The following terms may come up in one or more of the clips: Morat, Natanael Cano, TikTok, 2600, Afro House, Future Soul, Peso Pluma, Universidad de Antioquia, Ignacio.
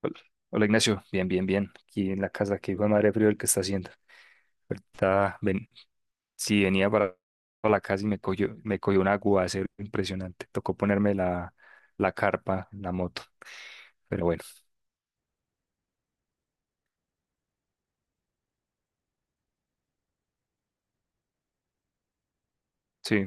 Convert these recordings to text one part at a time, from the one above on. Hola, Ignacio, bien, bien. Aquí en la casa, que hijo de madre frío el que está haciendo. Ahorita ven, sí, para la casa y me cogió un aguacero impresionante. Tocó ponerme la carpa, en la moto. Pero bueno, sí.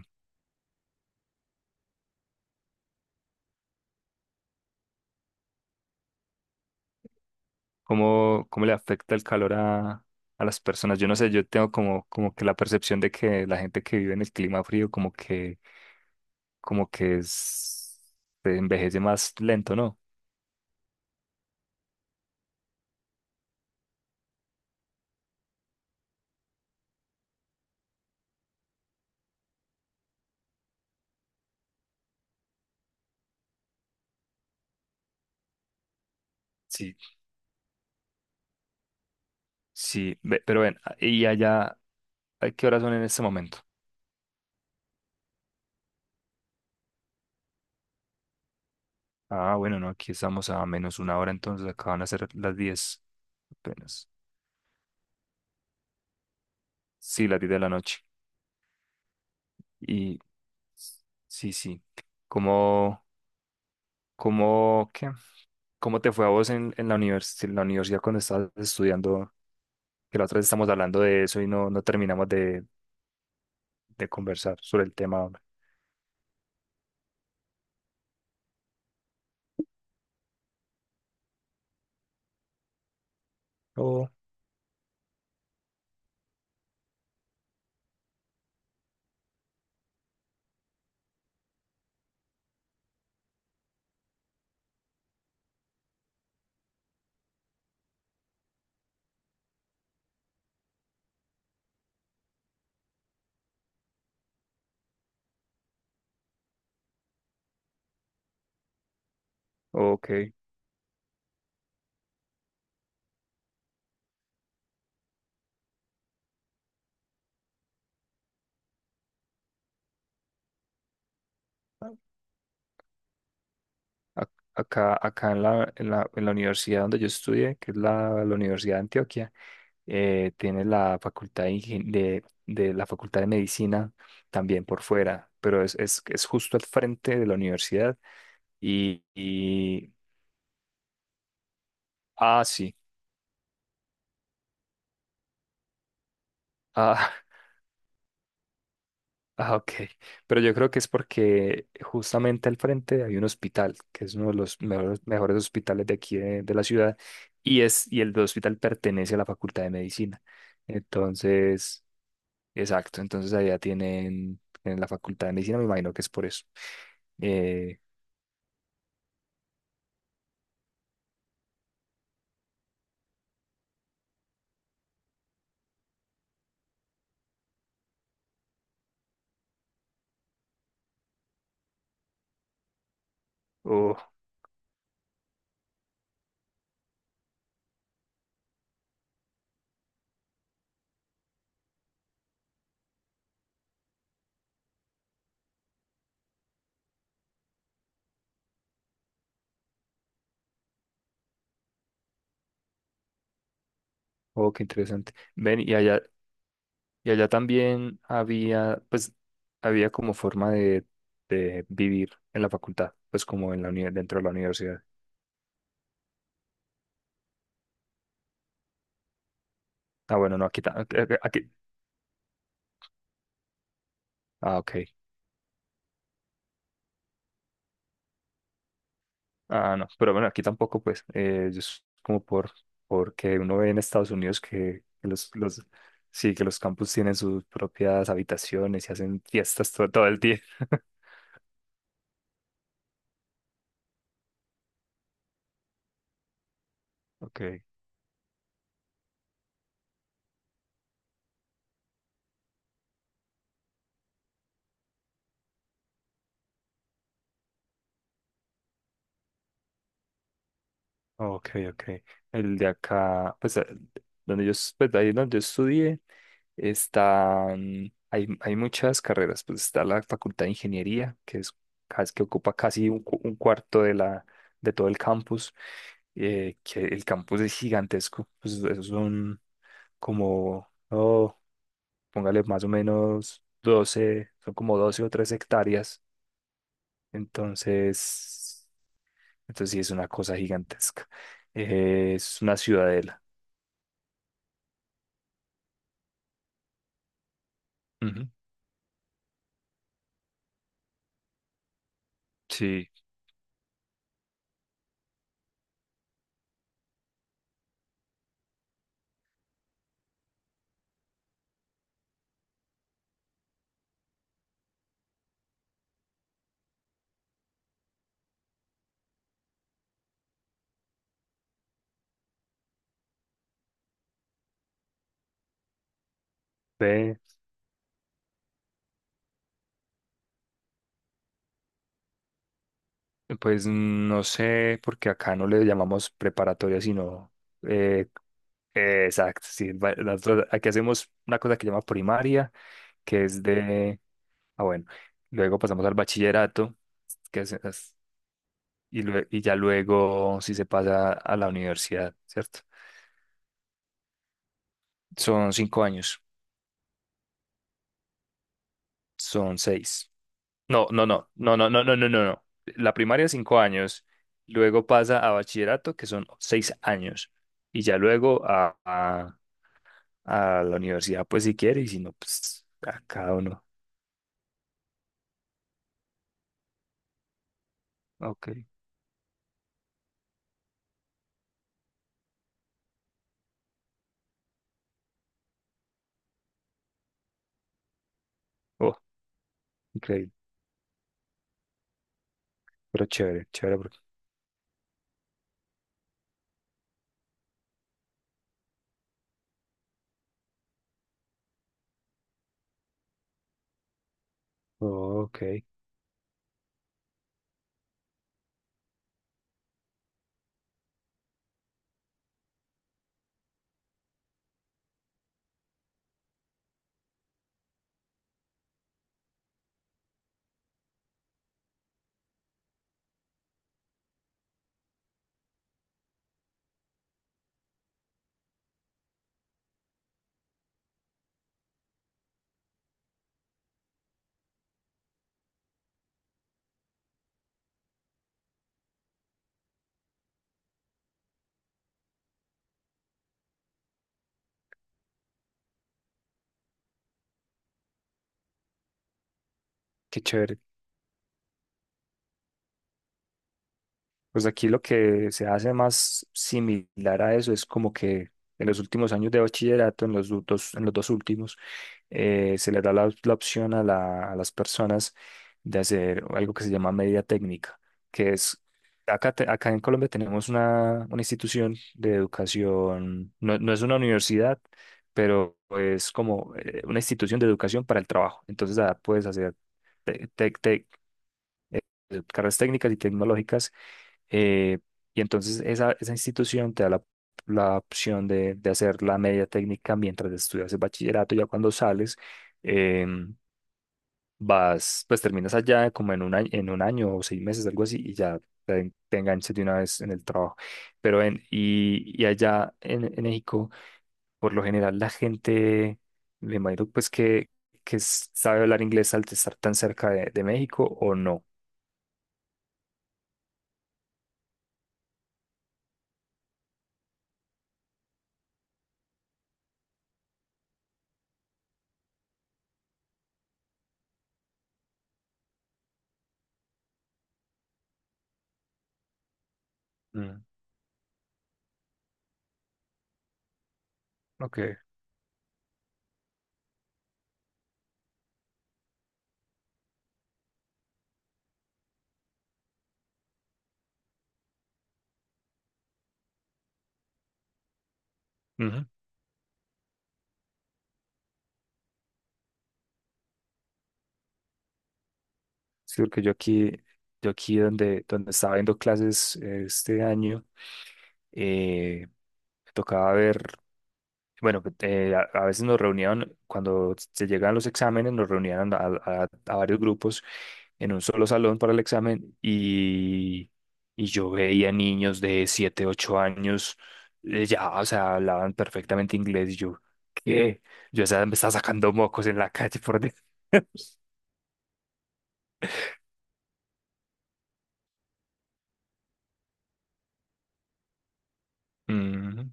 ¿Cómo, cómo le afecta el calor a las personas? Yo no sé, yo tengo como, como que la percepción de que la gente que vive en el clima frío como que es, se envejece más lento, ¿no? Sí, sí, pero ven, ¿y allá a qué horas son en este momento? Ah, bueno, no, aquí estamos a menos una hora, entonces acaban a ser las 10, apenas. Sí, las 10 de la noche. Y sí, sí. ¿Cómo, cómo, qué? ¿Cómo te fue a vos en la en la universidad cuando estabas estudiando? Que la otra vez estamos hablando de eso y no, de conversar sobre el tema. Oh, ok. A- Acá, en la universidad donde yo estudié, que es la Universidad de Antioquia. Tiene la facultad de, de la facultad de medicina también por fuera, pero es justo al frente de la universidad y, y- ah, sí, ah, ah, ok, pero yo creo que es porque justamente al frente hay un hospital, que es uno de los mejores, mejores hospitales de aquí de la ciudad y, es, y el hospital pertenece a la facultad de medicina. Entonces, exacto, entonces allá tienen, en la facultad de medicina, me imagino que es por eso. Eh, Oh, oh, qué interesante. Ven, y allá también había, pues, había como forma de vivir en la facultad, pues como en la dentro de la universidad. Ah, bueno, no, aquí, aquí, ah, ok. Ah, no, pero bueno, aquí tampoco, pues, yo es como por, porque uno ve en Estados Unidos que los, sí, que los campus tienen sus propias habitaciones y hacen fiestas todo, todo el día. Ok. Ok, ok. El de acá, pues donde yo, pues, ahí donde yo estudié, están, hay muchas carreras, pues está la Facultad de Ingeniería, que es que ocupa casi un, un cuarto de todo el campus, que el campus es gigantesco, pues esos son como, oh, póngale más o menos 12, son como 12 o 13 hectáreas, entonces, entonces sí es una cosa gigantesca. Es una ciudadela. Ujú. Sí, ve, pues no sé, porque acá no le llamamos preparatoria, sino eh, exacto, sí, nosotros aquí hacemos una cosa que se llama primaria, que es de, ah bueno, luego pasamos al bachillerato, que es, y, y ya luego sí se pasa a la universidad, ¿cierto? Son 5 años, son 6. No, no, no, no, no, no, no, no, no. No. La primaria es 5 años, luego pasa a bachillerato, que son 6 años, y ya luego a la universidad, pues si quiere, y si no, pues a cada uno. Ok. Oh, increíble, pero chévere, chévere. Oh, ok, qué chévere. Pues aquí lo que se hace más similar a eso es como que en los últimos años de bachillerato, en los en los dos últimos, se le da la opción a, a las personas de hacer algo que se llama media técnica, que es, acá, acá en Colombia tenemos una institución de educación, no, no es una universidad, pero es como una institución de educación para el trabajo. Entonces, ah, puedes hacer te- te- te- carreras técnicas y tecnológicas eh, y entonces esa institución te da la opción de hacer la media técnica mientras estudias el bachillerato. Ya cuando sales, em, vas, pues terminas allá como en un año o 6 meses, algo así, y ya te enganchas de una vez en el trabajo. Pero en, y allá en México, por lo general, la gente, me imagino pues que sabe hablar inglés al estar tan cerca de México o no. Mm, ok. Sí, porque yo aquí donde estaba viendo clases este año, eh, me tocaba ver, bueno, pues, a veces nos reunían, cuando se llegaban los exámenes, nos reunían a varios grupos en un solo salón para el examen y yo veía niños de 7 8 años, ya, o sea, hablaban perfectamente inglés y yo, ¿qué? Yo, o sea, me estaba sacando mocos en la calle por... dentro. Ujú,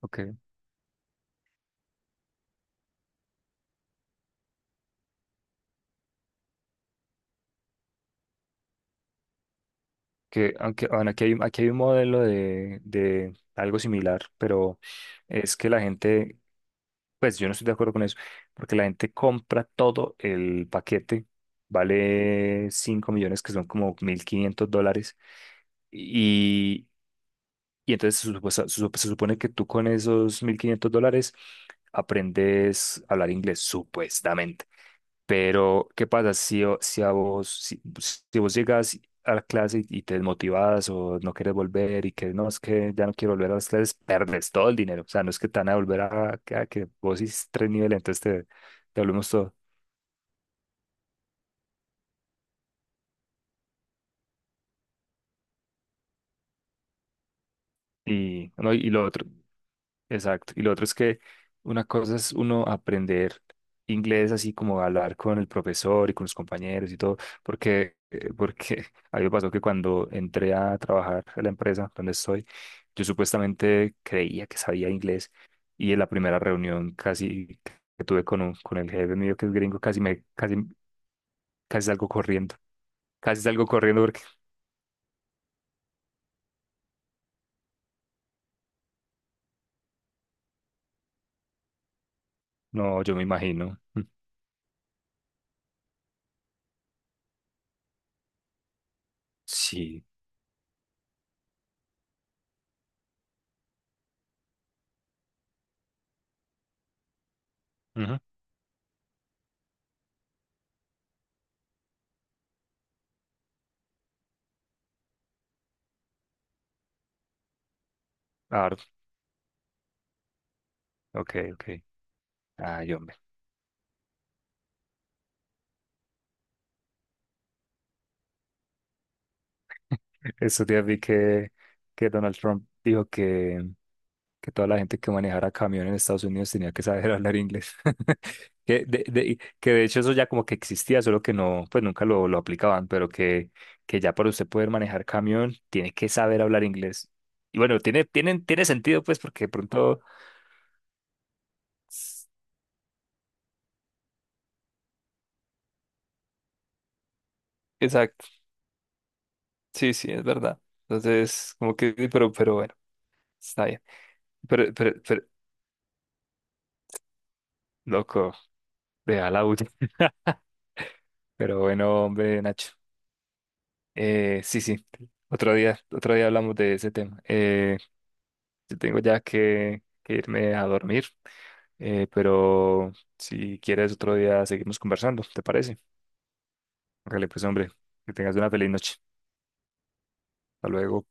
ok. Que, aunque, bueno, aquí hay, aquí hay un modelo de algo similar, pero es que la gente, pues yo no estoy de acuerdo con eso, porque la gente compra todo el paquete, vale 5 millones, que son como $1,500, y, y entonces se supone que tú con esos $1,500 aprendes a hablar inglés, supuestamente. Pero ¿qué pasa si a vos, si, si vos llegas a la clase y te desmotivas o no quieres volver y que no, es que ya no quiero volver a las clases, perdes todo el dinero. O sea, no es que te van a volver a que vos hiciste tres niveles, entonces te volvemos todo. Y, no, y lo otro. Exacto. Y lo otro es que una cosa es uno aprender inglés así como hablar con el profesor y con los compañeros y todo, porque, porque a mí me pasó que cuando entré a trabajar en la empresa donde estoy, yo supuestamente creía que sabía inglés y en la primera reunión casi que tuve con, con el jefe mío que es gringo, casi salgo corriendo, casi salgo corriendo porque no, yo me imagino. Mm. Sí. Ujú. Ah, ok, ok. Ay, hombre. Estos días vi que Donald Trump dijo que toda la gente que manejara camión en Estados Unidos tenía que saber hablar inglés. Que de, que de hecho eso ya como que existía, solo que no, pues nunca lo aplicaban, pero que ya para usted poder manejar camión tiene que saber hablar inglés. Y bueno, tiene sentido pues porque de pronto... S- Exacto, sí, sí, es verdad. Entonces, como que, pero bueno, está bien. Pero, loco, deja la bulla. Pero bueno, hombre, Nacho. Sí, sí. Otro día hablamos de ese tema. Yo tengo ya que irme a dormir, pero si quieres otro día seguimos conversando, ¿te parece? Hágale pues, hombre, que tengas una feliz noche. Hasta luego.